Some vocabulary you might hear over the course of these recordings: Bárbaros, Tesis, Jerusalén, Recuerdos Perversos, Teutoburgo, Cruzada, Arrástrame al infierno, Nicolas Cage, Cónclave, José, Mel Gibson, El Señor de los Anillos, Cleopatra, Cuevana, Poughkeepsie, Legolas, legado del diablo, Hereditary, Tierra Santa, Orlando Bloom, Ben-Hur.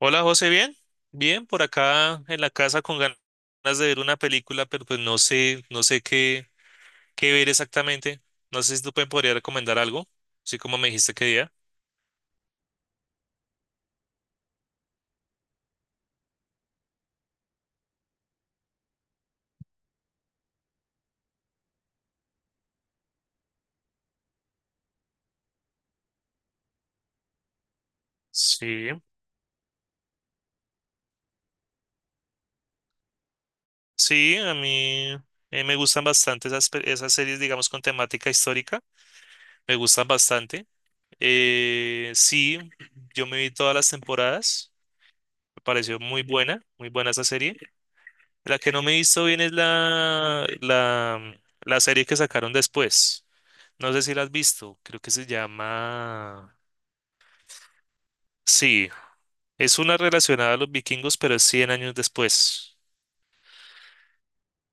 Hola José, ¿bien? Bien, por acá en la casa con ganas de ver una película, pero pues no sé qué ver exactamente. No sé si tú me podrías recomendar algo, así como me dijiste que día. Sí, sí, a mí me gustan bastante esas series, digamos, con temática histórica, me gustan bastante. Sí, yo me vi todas las temporadas, me pareció muy buena esa serie. La que no me he visto bien es la serie que sacaron después. No sé si la has visto, creo que se llama... Sí, es una relacionada a los vikingos, pero es 100 años después,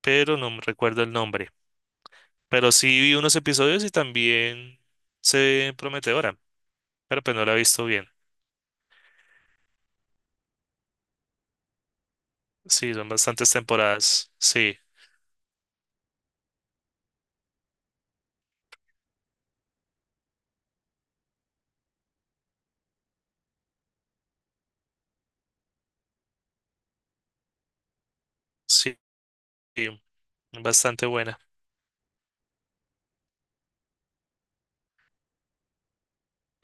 pero no me recuerdo el nombre. Pero sí vi unos episodios y también se ve prometedora, pero pues no la he visto bien. Sí, son bastantes temporadas, sí, sí, sí, bastante buena.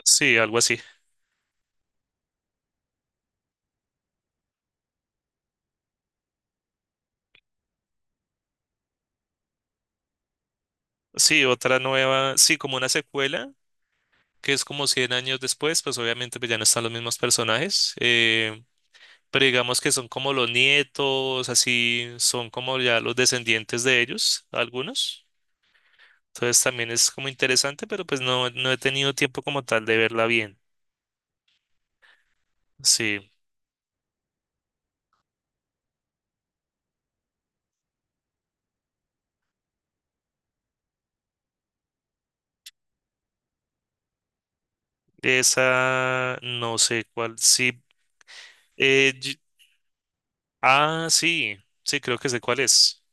Sí, algo así. Sí, otra nueva, sí, como una secuela, que es como 100 años después, pues obviamente pues ya no están los mismos personajes. Pero digamos que son como los nietos, así son como ya los descendientes de ellos, algunos. Entonces también es como interesante, pero pues no, no he tenido tiempo como tal de verla bien. Sí, esa no sé cuál. Sí, eh, y- ah, sí, sí, creo que sé cuál es.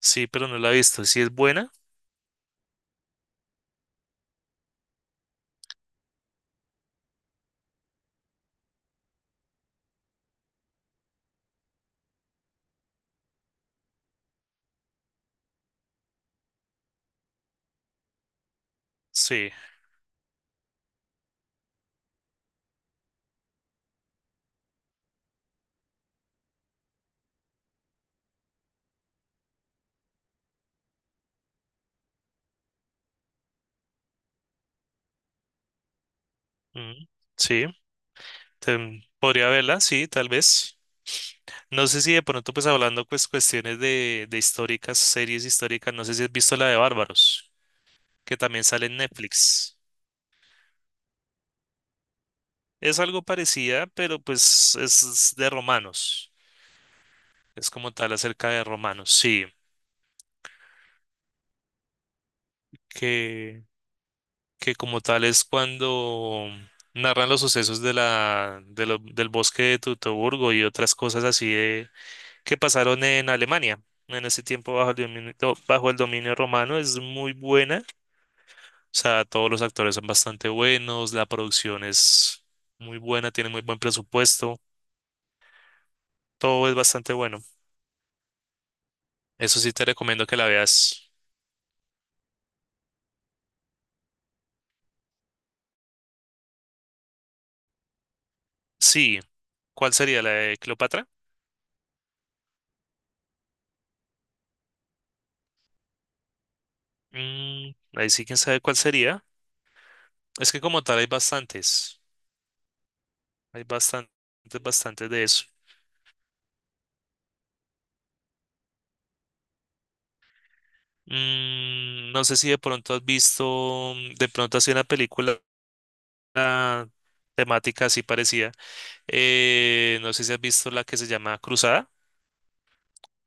Sí, pero no la he visto. Sí es buena, sí. Mm, sí, podría verla, sí, tal vez. No sé si de pronto, pues hablando pues cuestiones de series históricas, no sé si has visto la de Bárbaros, que también sale en Netflix. Es algo parecida, pero pues es de romanos. Es como tal acerca de romanos, sí. Que, que como tal es cuando narran los sucesos de la, de lo- del bosque de Teutoburgo y otras cosas así que pasaron en Alemania en ese tiempo bajo el dominio romano. Es muy buena. O sea, todos los actores son bastante buenos, la producción es muy buena, tiene muy buen presupuesto, todo es bastante bueno. Eso sí te recomiendo que la veas. Sí. ¿Cuál sería la de Cleopatra? Mm, Ahí sí, quién sabe cuál sería. Es que como tal hay bastantes. Hay bastantes, bastantes de eso. No sé si de pronto has visto, de pronto así una película ah, temática así parecida. No sé si has visto la que se llama Cruzada.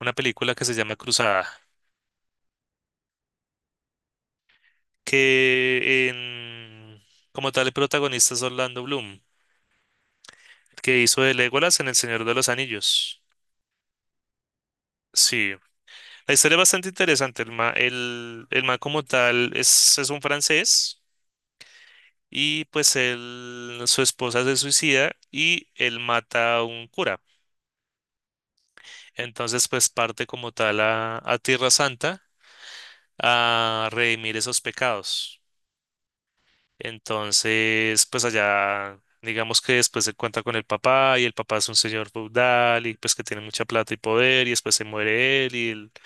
Una película que se llama Cruzada. Que en, como tal el protagonista es Orlando Bloom, que hizo de Legolas en El Señor de los Anillos. Sí, la historia es bastante interesante. El man como tal es, un francés y pues él, su esposa se suicida y él mata a un cura. Entonces pues parte como tal a Tierra Santa a redimir esos pecados. Entonces pues allá digamos que después se cuenta con el papá y el papá es un señor feudal y pues que tiene mucha plata y poder y después se muere él y él. O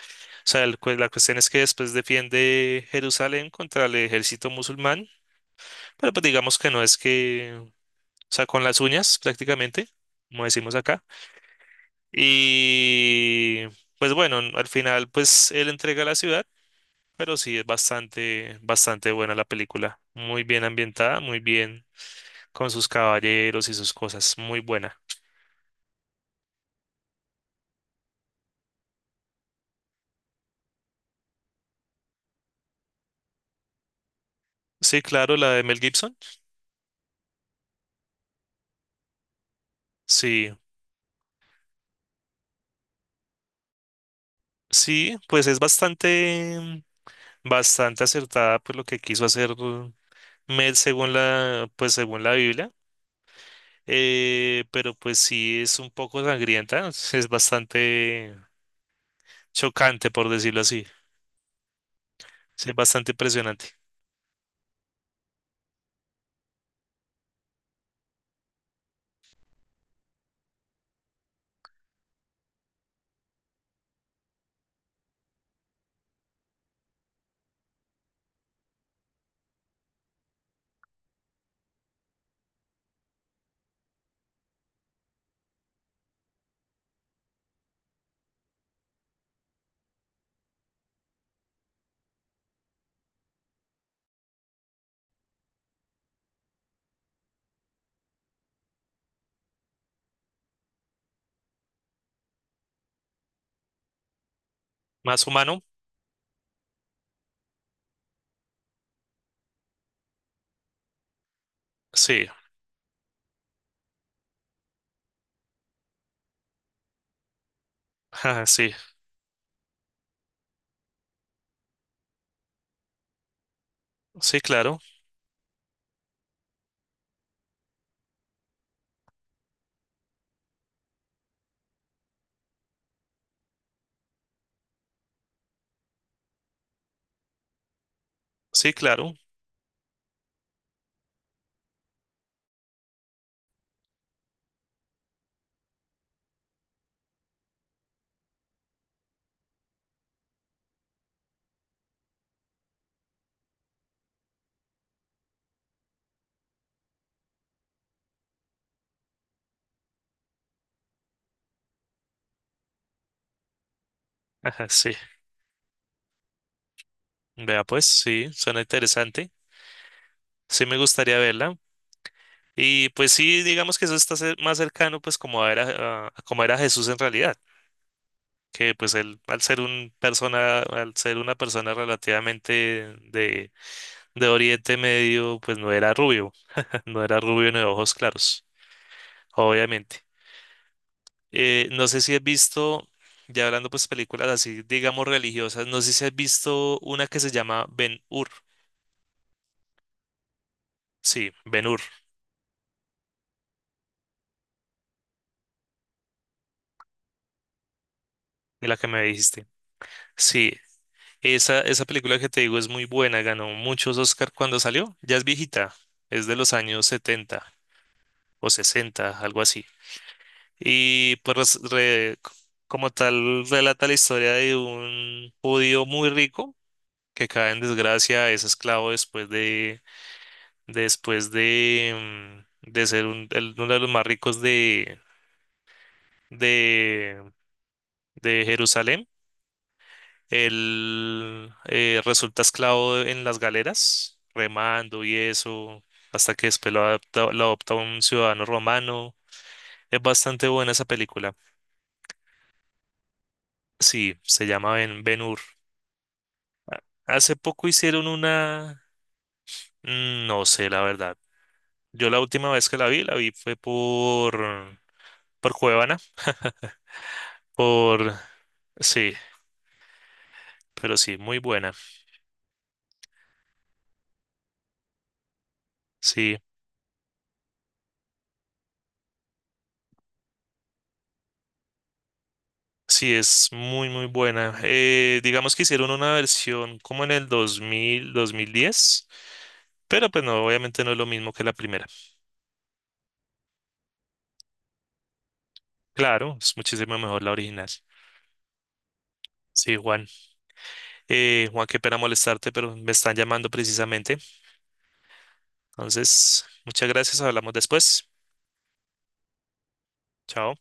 sea, la cuestión es que después defiende Jerusalén contra el ejército musulmán, pero pues digamos que no es que, o sea, con las uñas prácticamente, como decimos acá. Y pues bueno, al final pues él entrega la ciudad, pero sí es bastante, bastante buena la película. Muy bien ambientada, muy bien con sus caballeros y sus cosas, muy buena. Sí, claro, la de Mel Gibson. Sí, sí, pues es bastante, bastante acertada por lo que quiso hacer Med según la, pues según la Biblia, pero pues sí es un poco sangrienta, es bastante chocante por decirlo así, sí, es bastante impresionante. ¿Más humano? Sí, ajá, sí, sí, claro, sí, claro, ajá, sí. Vea pues, sí, suena interesante, sí me gustaría verla. Y pues sí, digamos que eso está más cercano pues como era, a como era Jesús en realidad. Que pues él al ser una persona relativamente de de Oriente Medio, pues no era rubio, no era rubio ni de ojos claros, obviamente. No sé si has visto, ya hablando pues películas así, digamos religiosas, no sé si has visto una que se llama Ben-Hur, sí, Ben-Hur, de la que me dijiste. Sí, esa película que te digo es muy buena, ganó muchos Oscar cuando salió, ya es viejita, es de los años 70 o 60, algo así. Y pues como tal relata la historia de un judío muy rico que cae en desgracia, es esclavo después de ser uno de los más ricos de, de, de Jerusalén. Él resulta esclavo en las galeras, remando y eso, hasta que después lo adopta un ciudadano romano. Es bastante buena esa película. Sí, se llama Ben-Hur. Hace poco hicieron una. No sé, la verdad. Yo la última vez que la vi fue por Cuevana, por... Sí, pero sí, muy buena. Sí, sí, es muy, muy buena. Digamos que hicieron una versión como en el 2000, 2010, pero pues no, obviamente no es lo mismo que la primera. Claro, es muchísimo mejor la original. Sí, Juan. Juan, qué pena molestarte, pero me están llamando precisamente. Entonces, muchas gracias, hablamos después. Chao.